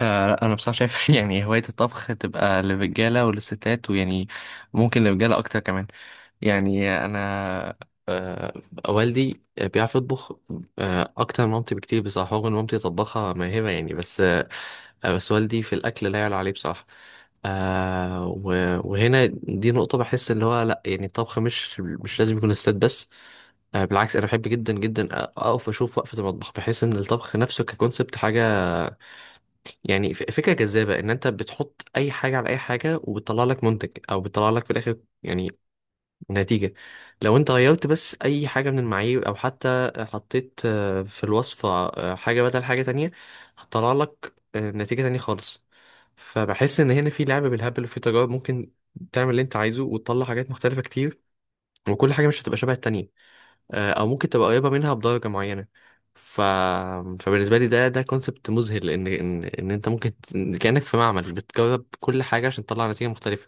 لا، انا بصراحه شايف يعني هوايه الطبخ تبقى للرجاله وللستات، ويعني ممكن للرجاله اكتر كمان. يعني انا، آه، والدي بيعرف يطبخ، اكتر من مامتي بكتير بصراحه، رغم ان مامتي طباخه ماهره يعني. بس بس والدي في الاكل لا يعلى عليه بصراحه. وهنا دي نقطه، بحس اللي هو لا، يعني الطبخ مش لازم يكون للستات بس. بالعكس، انا بحب جدا جدا اقف اشوف وقفه المطبخ. بحس ان الطبخ نفسه ككونسبت حاجه، يعني فكرة جذابة، ان انت بتحط اي حاجة على اي حاجة وبتطلع لك منتج، او بتطلع لك في الاخر يعني نتيجة. لو انت غيرت بس اي حاجة من المعايير، او حتى حطيت في الوصفة حاجة بدل حاجة تانية، هتطلع لك نتيجة تانية خالص. فبحس ان هنا في لعب بالهبل وفي تجارب، ممكن تعمل اللي انت عايزه وتطلع حاجات مختلفة كتير، وكل حاجة مش هتبقى شبه التانية، او ممكن تبقى قريبه منها بدرجه معينه. ف... فبالنسبه لي، ده كونسبت مذهل، ان انت ممكن كانك في معمل بتجرب كل حاجه عشان تطلع نتيجه مختلفه.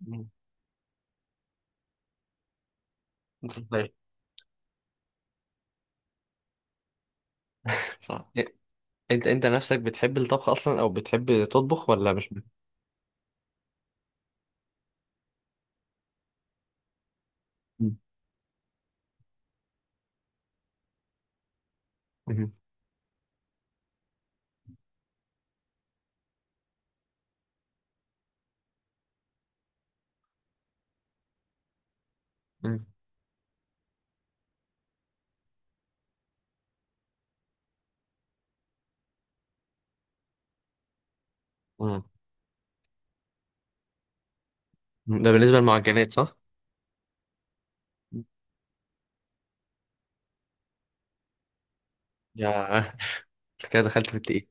مم. طيب. صح. انت نفسك بتحب الطبخ اصلا، او بتحب تطبخ ولا مش؟ مم. مم. مم. مم. ده بالنسبه للمعجنات، صح؟ مم. يا كده دخلت في التقيل.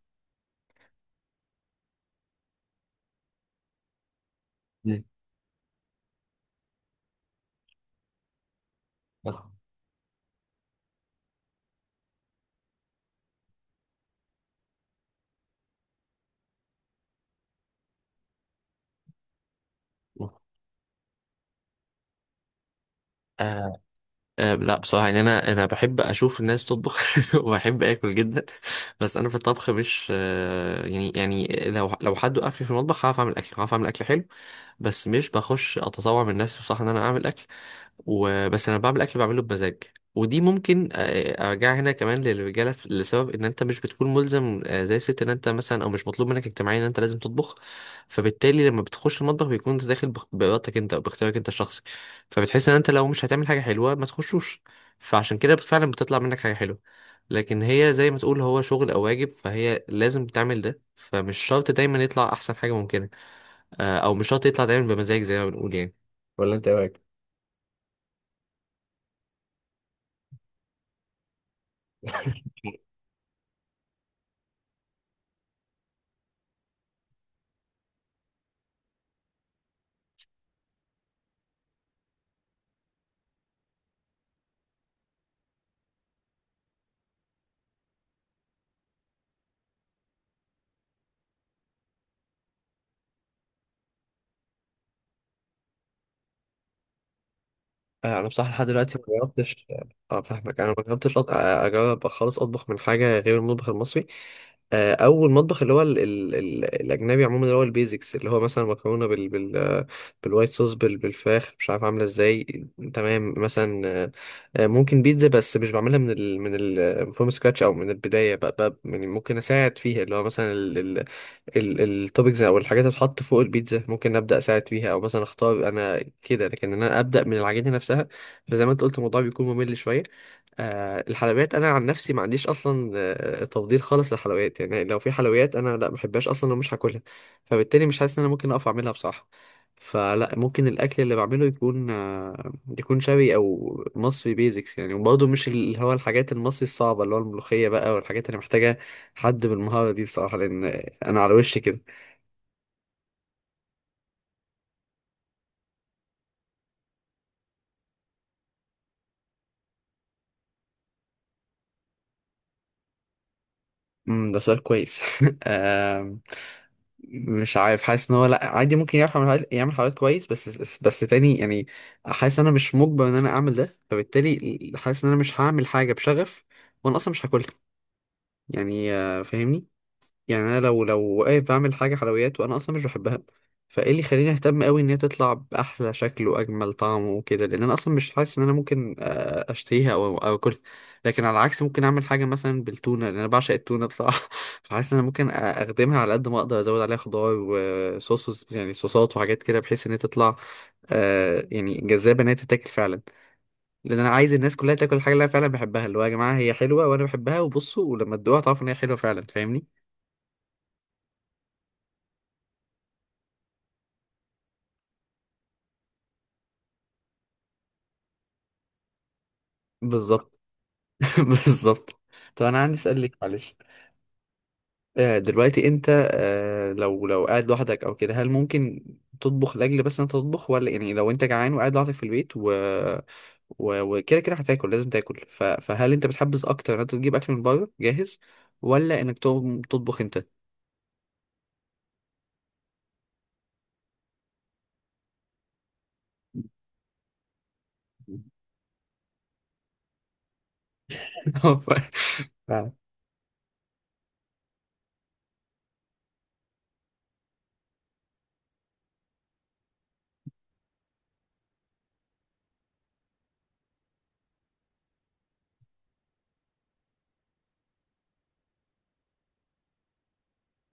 مم. آه، أه، لا، بصراحة يعني أنا بحب أشوف الناس بتطبخ، وبحب آكل جدا. بس أنا في الطبخ مش، يعني، لو حد وقفني في المطبخ هعرف أعمل أكل، هعرف أعمل أكل حلو. بس مش بخش أتطوع من نفسي بصراحة إن أنا أعمل أكل، وبس أنا بعمل أكل بعمله بمزاج. ودي ممكن أرجع هنا كمان للرجالة، لسبب إن أنت مش بتكون ملزم زي الست، إن أنت مثلا، أو مش مطلوب منك اجتماعيا إن أنت لازم تطبخ. فبالتالي لما بتخش المطبخ، بيكون أنت داخل بإرادتك أنت، أو باختيارك أنت الشخصي. فبتحس ان انت لو مش هتعمل حاجه حلوه ما تخشوش، فعشان كده فعلا بتطلع منك حاجه حلوه. لكن هي زي ما تقول، هو شغل او واجب، فهي لازم تعمل ده، فمش شرط دايما يطلع احسن حاجه ممكنه، او مش شرط يطلع دايما بمزاج زي ما بنقول يعني. ولا انت ايه رايك؟ انا بصراحه لحد دلوقتي ما جربتش. اه، فاهمك. انا ما جربتش اجرب خالص اطبخ من حاجه غير المطبخ المصري. اول مطبخ اللي هو ال الاجنبي عموما، اللي هو البيزكس، اللي هو مثلا مكرونه بالوايت صوص بالفراخ، مش عارف عامله ازاي. تمام مثلا. ممكن بيتزا، بس مش بعملها من ال فروم سكراتش، او من البدايه بقى يعني، ممكن اساعد فيها اللي هو مثلا التوبكس، او الحاجات اللي بتتحط فوق البيتزا ممكن ابدا اساعد فيها، او مثلا اختار انا كده، لكن إن انا ابدا من العجينه نفسها فزي ما انت قلت، الموضوع بيكون ممل شويه. الحلويات انا عن نفسي ما عنديش اصلا تفضيل خالص للحلويات، يعني لو في حلويات انا لا، ما بحبهاش اصلا ومش هاكلها، فبالتالي مش حاسس ان انا ممكن اقف اعملها بصراحه. فلا، ممكن الاكل اللي بعمله يكون، يكون شبي او مصري بيزكس يعني، وبرضه مش اللي هو الحاجات المصري الصعبه، اللي هو الملوخيه بقى والحاجات اللي محتاجه حد بالمهاره دي بصراحه، لان انا على وشي كده. ده سؤال كويس. آم، مش عارف، حاسس ان هو لا، عادي ممكن يعرف يعمل حاجات، يعمل حاجات كويس، بس. بس تاني يعني، حاسس ان انا مش مجبر ان انا اعمل ده، فبالتالي حاسس ان انا مش هعمل حاجه بشغف وانا اصلا مش هاكلها. يعني فاهمني. يعني انا لو واقف بعمل حاجه حلويات وانا اصلا مش بحبها، فايه اللي يخليني اهتم قوي ان هي تطلع باحلى شكل واجمل طعم وكده، لان انا اصلا مش حاسس ان انا ممكن اشتهيها او اكلها. لكن على العكس، ممكن اعمل حاجه مثلا بالتونه، لان انا بعشق التونه بصراحه. فحاسس ان انا ممكن اخدمها على قد ما اقدر، ازود عليها خضار وصوص يعني، صوصات وحاجات كده، بحيث ان هي تطلع، يعني جذابه، ان هي تتاكل فعلا. لان انا عايز الناس كلها تاكل الحاجه اللي انا فعلا بحبها، اللي هو يا جماعه هي حلوه وانا بحبها، وبصوا ولما تدوقها تعرفوا ان هي حلوه فعلا، فاهمني؟ بالظبط. بالظبط. طب انا عندي سؤال ليك، معلش. دلوقتي انت، لو قاعد لوحدك او كده، هل ممكن تطبخ لاجل بس انت تطبخ، ولا يعني لو انت جعان وقاعد لوحدك في البيت وكده هتاكل، لازم تاكل، فهل انت بتحبذ اكتر ان انت تجيب اكل من بره جاهز، ولا انك تقوم تطبخ انت؟ ف... فعلا،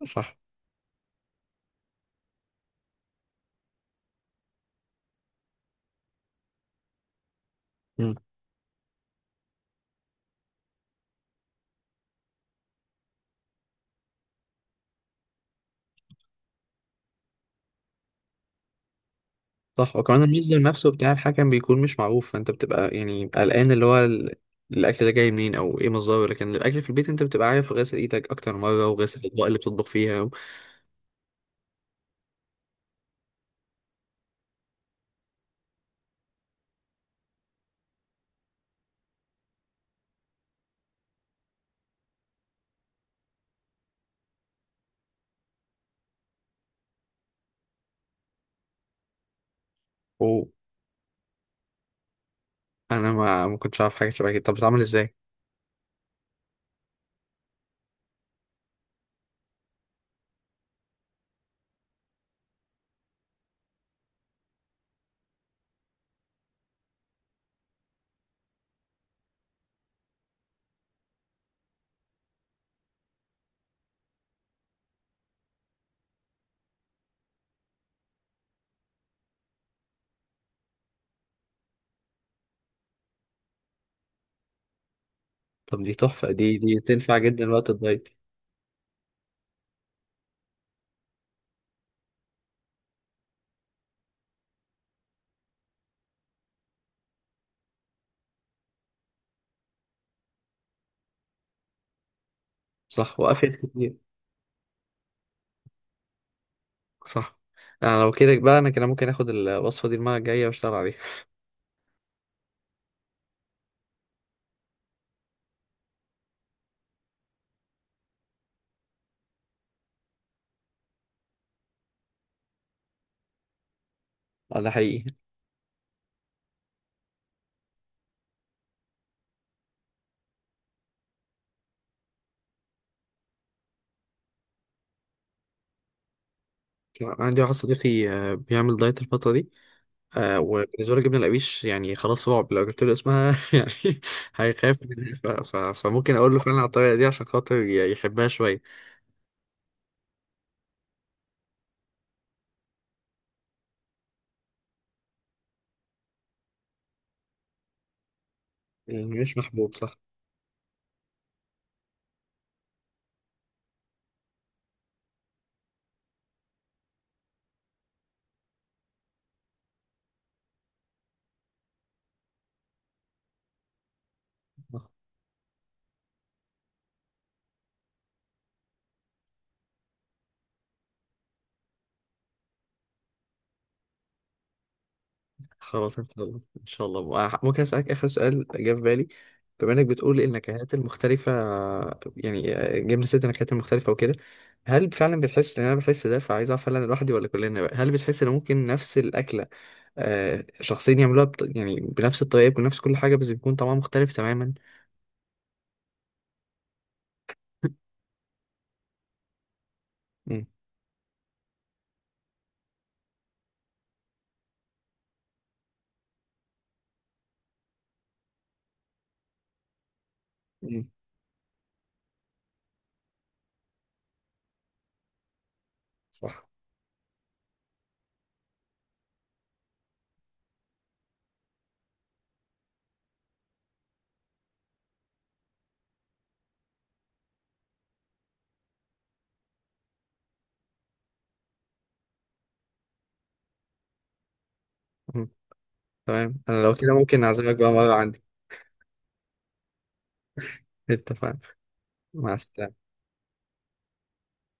صح. صح، وكمان المصدر نفسه بتاع الحكم بيكون مش معروف، فانت بتبقى يعني قلقان، اللي هو الاكل ده جاي منين او ايه مصدره، لكن الاكل في البيت انت بتبقى عارف غسل ايدك اكتر مره، وغسل الاطباق اللي بتطبخ فيها. وانا ما كنتش عارف حاجه شبه كده، طب بتتعمل ازاي؟ طب دي تحفه، دي تنفع جدا وقت الدايت. صح، وافيد كتير. صح. انا لو كده بقى، انا كده ممكن اخد الوصفه دي المره الجايه واشتغل عليها. ده حقيقي. عندي واحد صديقي بيعمل دايت الفتره دي. وبالنسبة لي، جبنة القريش يعني خلاص، صعب لو جبت له اسمها يعني هيخاف مني، فممكن أقول له فعلا على الطريقة دي، عشان خاطر يحبها شوية. يعني مش محبوب، صح. خلاص، إن شاء الله إن شاء الله. ممكن أسألك آخر سؤال جه في بالي؟ بما إنك بتقول النكهات المختلفة، يعني جبنا ست نكهات المختلفة وكده، هل فعلا بتحس إن أنا بحس ده، فعايز أعرف هل أنا لوحدي ولا كلنا بقى. هل بتحس إن ممكن نفس الأكلة شخصين يعملوها يعني بنفس الطريقة، بنفس كل حاجة، بس بيكون طعمها مختلف تماما؟ مم. صح. مم. تمام، انا لو كده ممكن اعزمك بقى مرة عندي. اتفقنا. مع السلامة.